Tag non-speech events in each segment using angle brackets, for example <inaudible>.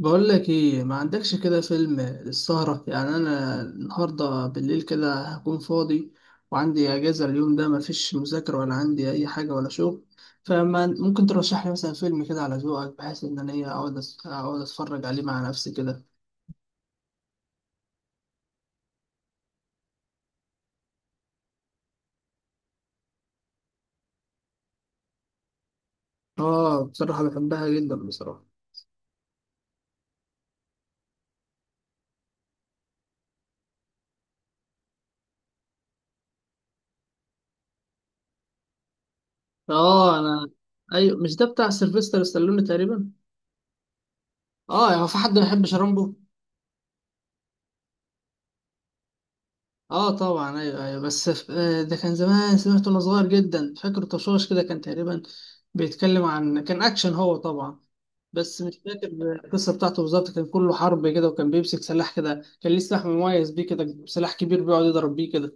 بقول لك ايه ما عندكش كده فيلم للسهرة، يعني انا النهاردة بالليل كده هكون فاضي وعندي اجازة اليوم ده، ما فيش مذاكرة ولا عندي اي حاجة ولا شغل. فما ممكن ترشح لي مثلا فيلم كده على ذوقك، بحيث ان انا ايه اقعد اقعد اتفرج عليه مع نفسي كده. اه، بصراحة بحبها جدا بصراحة. اه انا، ايوه مش ده بتاع سيلفستر ستالوني تقريبا. اه هو في حد ما يحبش رامبو. اه طبعا، ايوه ايوه، بس ده كان زمان سمعته وانا صغير جدا، فاكر طشاش كده، كان تقريبا بيتكلم عن، كان اكشن هو طبعا، بس مش فاكر القصه بتاعته بالظبط. كان كله حرب كده، وكان بيمسك سلاح كده، كان ليه سلاح مميز بيه كده، سلاح كبير بيقعد يضرب بيه كده.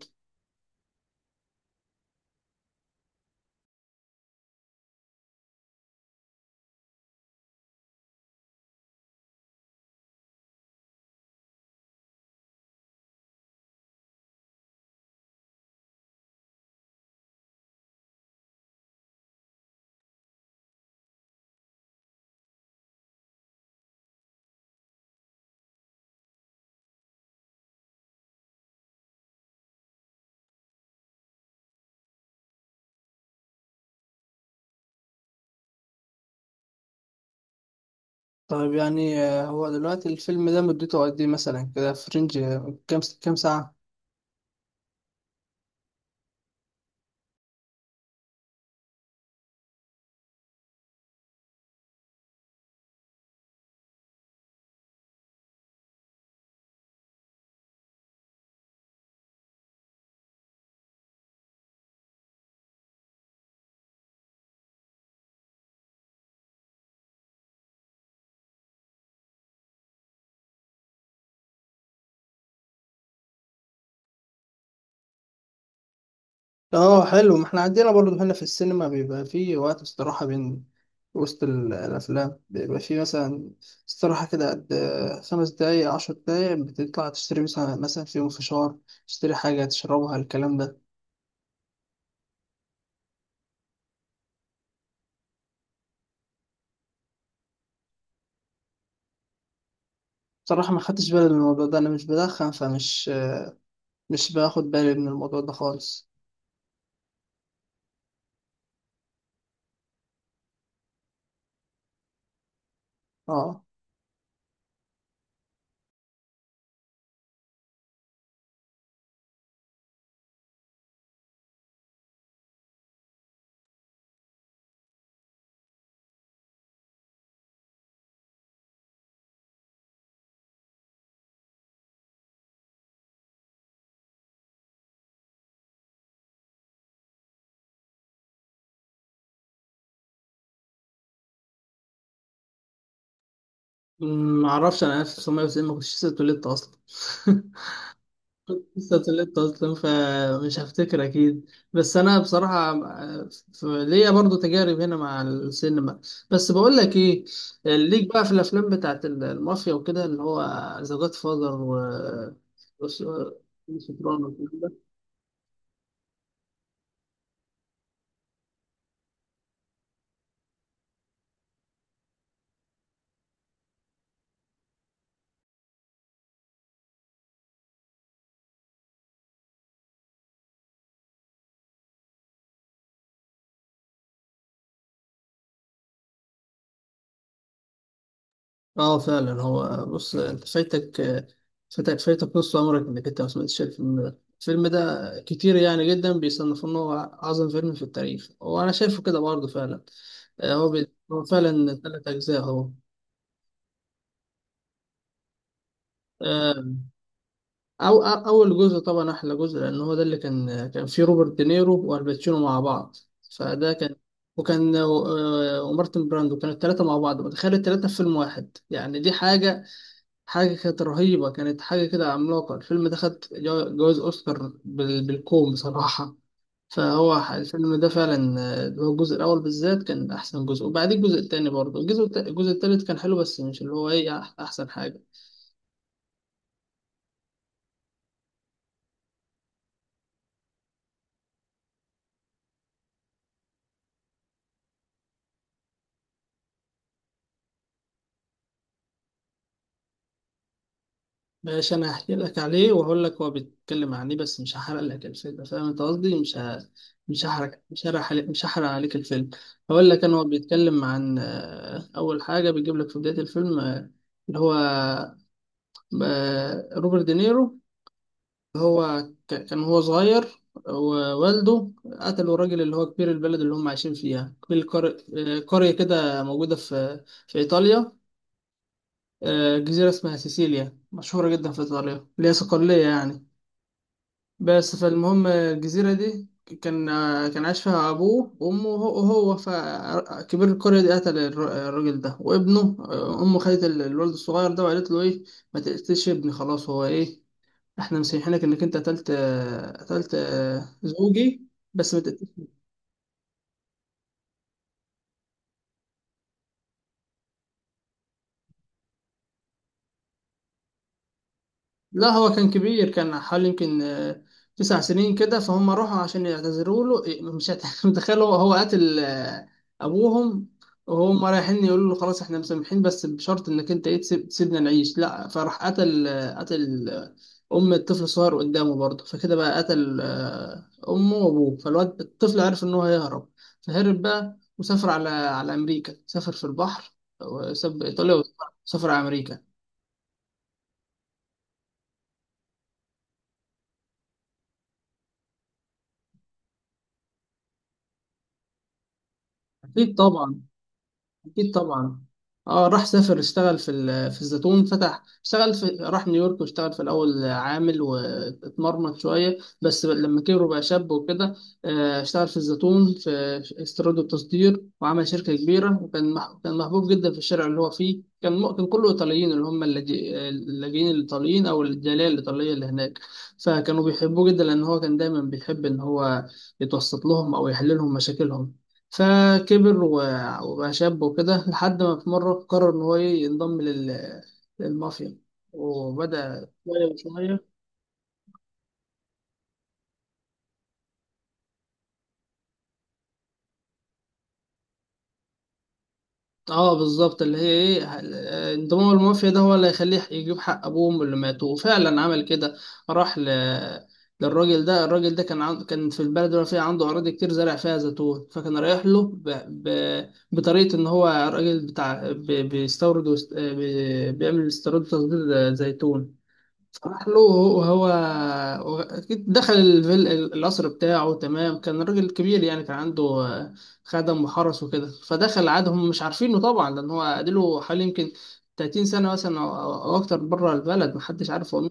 طيب، يعني هو دلوقتي الفيلم ده مدته قد ايه مثلا؟ كده في رينج كام كام ساعة؟ اه حلو، ما احنا عندنا برضه هنا في السينما بيبقى فيه وقت استراحة بين وسط الأفلام، بيبقى فيه مثلا استراحة كده قد 5 دقايق، 10 دقايق، بتطلع تشتري مثلا، مثلا فيهم فشار، تشتري حاجة تشربها، الكلام ده. بصراحة ما خدتش بالي من الموضوع ده، أنا مش بدخن، فمش مش باخد بالي من الموضوع ده خالص. اه، ما أعرفش، أنا 1990 ما كنتش لسه اتولدت أصلا. <laughs> لسه اتولدت اصلا، فمش هفتكر اكيد، بس انا بصراحه ليا برضو تجارب هنا مع السينما. بس بقول لك ايه، ليك بقى في الافلام بتاعت المافيا وكده، اللي هو ذا جاد فاذر، و وس- وسوبرانو والكلام ده. اه فعلا، هو بص، انت فايتك فايتك نص عمرك انك انت ما سمعتش الفيلم ده. الفيلم ده كتير يعني جدا بيصنفوه ان هو اعظم فيلم في التاريخ، وانا شايفه كده برضه فعلا. هو فعلا 3 أجزاء. هو آه، أول جزء طبعا أحلى جزء، لأن هو ده اللي كان فيه روبرت دينيرو والباتشينو مع بعض، فده كان وكان آه، آه، ومارتن براندو، كانوا التلاتة مع بعض. متخيل التلاتة في فيلم واحد؟ يعني دي حاجة، حاجة كانت رهيبة، كانت حاجة كده عملاقة. الفيلم ده خد جوائز أوسكار بالكوم بصراحة. الفيلم ده فعلا اللي هو الجزء الأول بالذات كان أحسن جزء، وبعدين الجزء التاني برضه، الجزء التالت كان حلو بس مش اللي هو إيه أحسن حاجة. ماشي، انا هحكي لك عليه واقول لك هو بيتكلم عن ايه، بس مش هحرق لك الفيلم، فاهم انت قصدي؟ مش هحرق عليك مش هحرق عليك الفيلم. هقول لك، انا هو بيتكلم عن اول حاجه بيجيب لك في بدايه الفيلم اللي هو روبرت دينيرو، هو كان هو صغير ووالده، قتلوا الراجل اللي هو كبير البلد اللي هم عايشين فيها، كبير قرية كده موجودة في إيطاليا، جزيرة اسمها سيسيليا، مشهورة جدا في إيطاليا، اللي هي صقلية يعني. بس فالمهم، الجزيرة دي كان كان عاش فيها أبوه وأمه وهو، وهو فكبير القرية دي قتل الراجل ده وابنه. أمه خدت الولد الصغير ده وقالت له إيه، ما تقتلش ابني، خلاص هو إيه، إحنا مسامحينك إنك أنت قتلت قتلت زوجي، بس ما تقتلش. لا هو كان كبير، كان حوالي يمكن 9 سنين كده. فهم راحوا عشان يعتذروا له إيه، مش هت- <laughs> متخيل، هو قتل ابوهم وهم رايحين يقولوا له خلاص احنا مسامحين، بس بشرط انك انت ايه تسيبنا نعيش. لا، فراح قتل ام الطفل الصغير قدامه برضه، فكده بقى قتل امه وابوه. فالواد الطفل عرف ان هو هيهرب، فهرب بقى وسافر على على امريكا، سافر في البحر وساب ايطاليا وسافر على امريكا. اكيد طبعا، اكيد طبعا. اه راح سافر، اشتغل في الزيتون، فتح اشتغل في، راح نيويورك واشتغل في الاول عامل واتمرمط شويه. بس لما كبر وبقى شاب وكده، اشتغل في الزيتون، في استيراد وتصدير، وعمل شركه كبيره، وكان كان محبوب جدا في الشارع اللي هو فيه، كان كان كله ايطاليين، اللي هم اللاجئين الايطاليين او الجاليه الايطاليه اللي هناك. فكانوا بيحبوه جدا، لان هو كان دايما بيحب ان هو يتوسط لهم او يحل لهم مشاكلهم. فكبر وبقى شاب وكده، لحد ما في مرة قرر إن هو إيه، ينضم للمافيا، وبدأ شوية بشوية. اه بالظبط، اللي هي ايه انضمام المافيا ده هو اللي هيخليه يجيب حق ابوهم اللي ماتوا، وفعلا عمل كده. راح للراجل ده. الراجل ده كان كان في البلد اللي فيها عنده اراضي كتير زرع فيها زيتون، فكان رايح له بطريقه ان هو راجل بتاع ب... بيستورد وست... آه، بي... بيعمل استيراد وتصدير زيتون. صلاح له، أكيد دخل الفيل القصر بتاعه تمام. كان راجل كبير يعني، كان عنده خدم وحرس وكده، فدخل عادهم مش عارفينه طبعا، لأن هو قاله حوالي يمكن 30 سنة مثلا أو أو أكتر بره البلد، محدش عارف هو مين.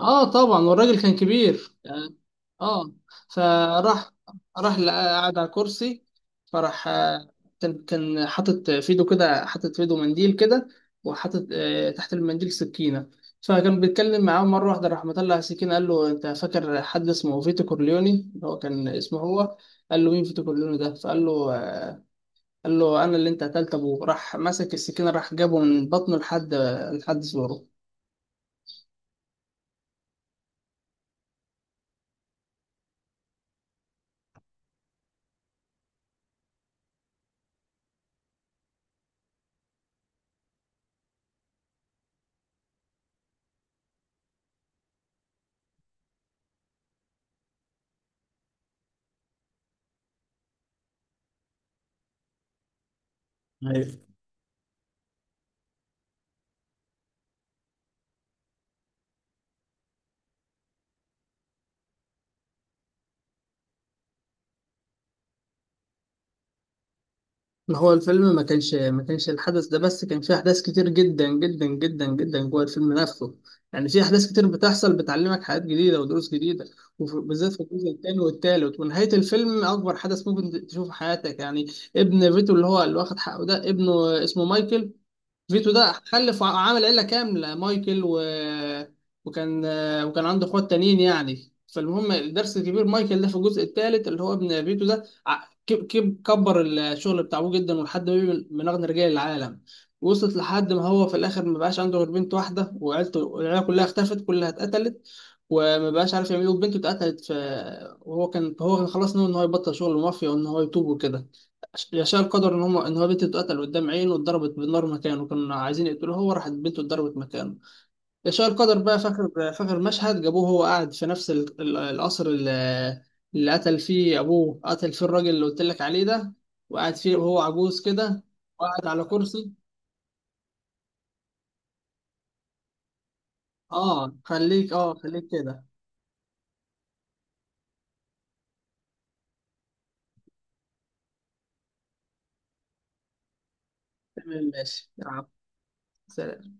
اه طبعا، والراجل كان كبير يعني. اه، فراح لقى، قعد على كرسي. فراح آه، كان حاطط في ايده كده، حاطط في ايده منديل كده، وحاطط تحت المنديل سكينة. فكان بيتكلم معاه، مرة واحدة راح مطلع سكينة قال له، انت فاكر حد اسمه فيتو كورليوني؟ اللي هو كان اسمه هو. قال له، مين فيتو كورليوني ده؟ فقال له قال له، انا اللي انت قتلت ابوه. راح مسك السكينة، راح جابه من بطنه لحد، لحد زوره. ما هو الفيلم ما كانش الحدث ده بس، كان فيه أحداث كتير جدا جدا جوه الفيلم نفسه. يعني في أحداث كتير بتحصل بتعلمك حاجات جديدة ودروس جديدة، وبالذات في الجزء الثاني والثالث، ونهاية الفيلم أكبر حدث ممكن تشوفه في حياتك يعني. ابن فيتو اللي هو اللي واخد حقه ده، ابنه اسمه مايكل. فيتو ده خلف عامل عيلة كاملة، مايكل وكان، وكان عنده اخوات تانيين يعني. فالمهم، الدرس الكبير، مايكل ده في الجزء الثالث، اللي هو ابن فيتو ده، كبر الشغل بتاع ابوه جدا، ولحد ما بقى من اغنى رجال العالم. وصلت لحد ما هو في الاخر ما بقاش عنده غير بنت واحدة، وعيلته، العيلة كلها اختفت، كلها اتقتلت. وما بقاش عارف يعمل ايه، وبنته اتقتلت وهو كان، هو كان خلاص ناوي ان هو يبطل شغل المافيا وان هو يتوب وكده. يشاء القدر ان هم، ان هو بنته اتقتل قدام عينه، واتضربت بالنار مكانه، كانوا عايزين يقتلوه هو، راحت بنته اتضربت مكانه. يشاء القدر بقى، فاكر مشهد جابوه هو قاعد في نفس القصر اللي قتل فيه ابوه، قتل فيه الراجل اللي قلت لك عليه ده، وقاعد فيه وهو عجوز كده، وقاعد على كرسي. اه خليك، اه خليك كده. تمام، ماشي يا عم. سلام.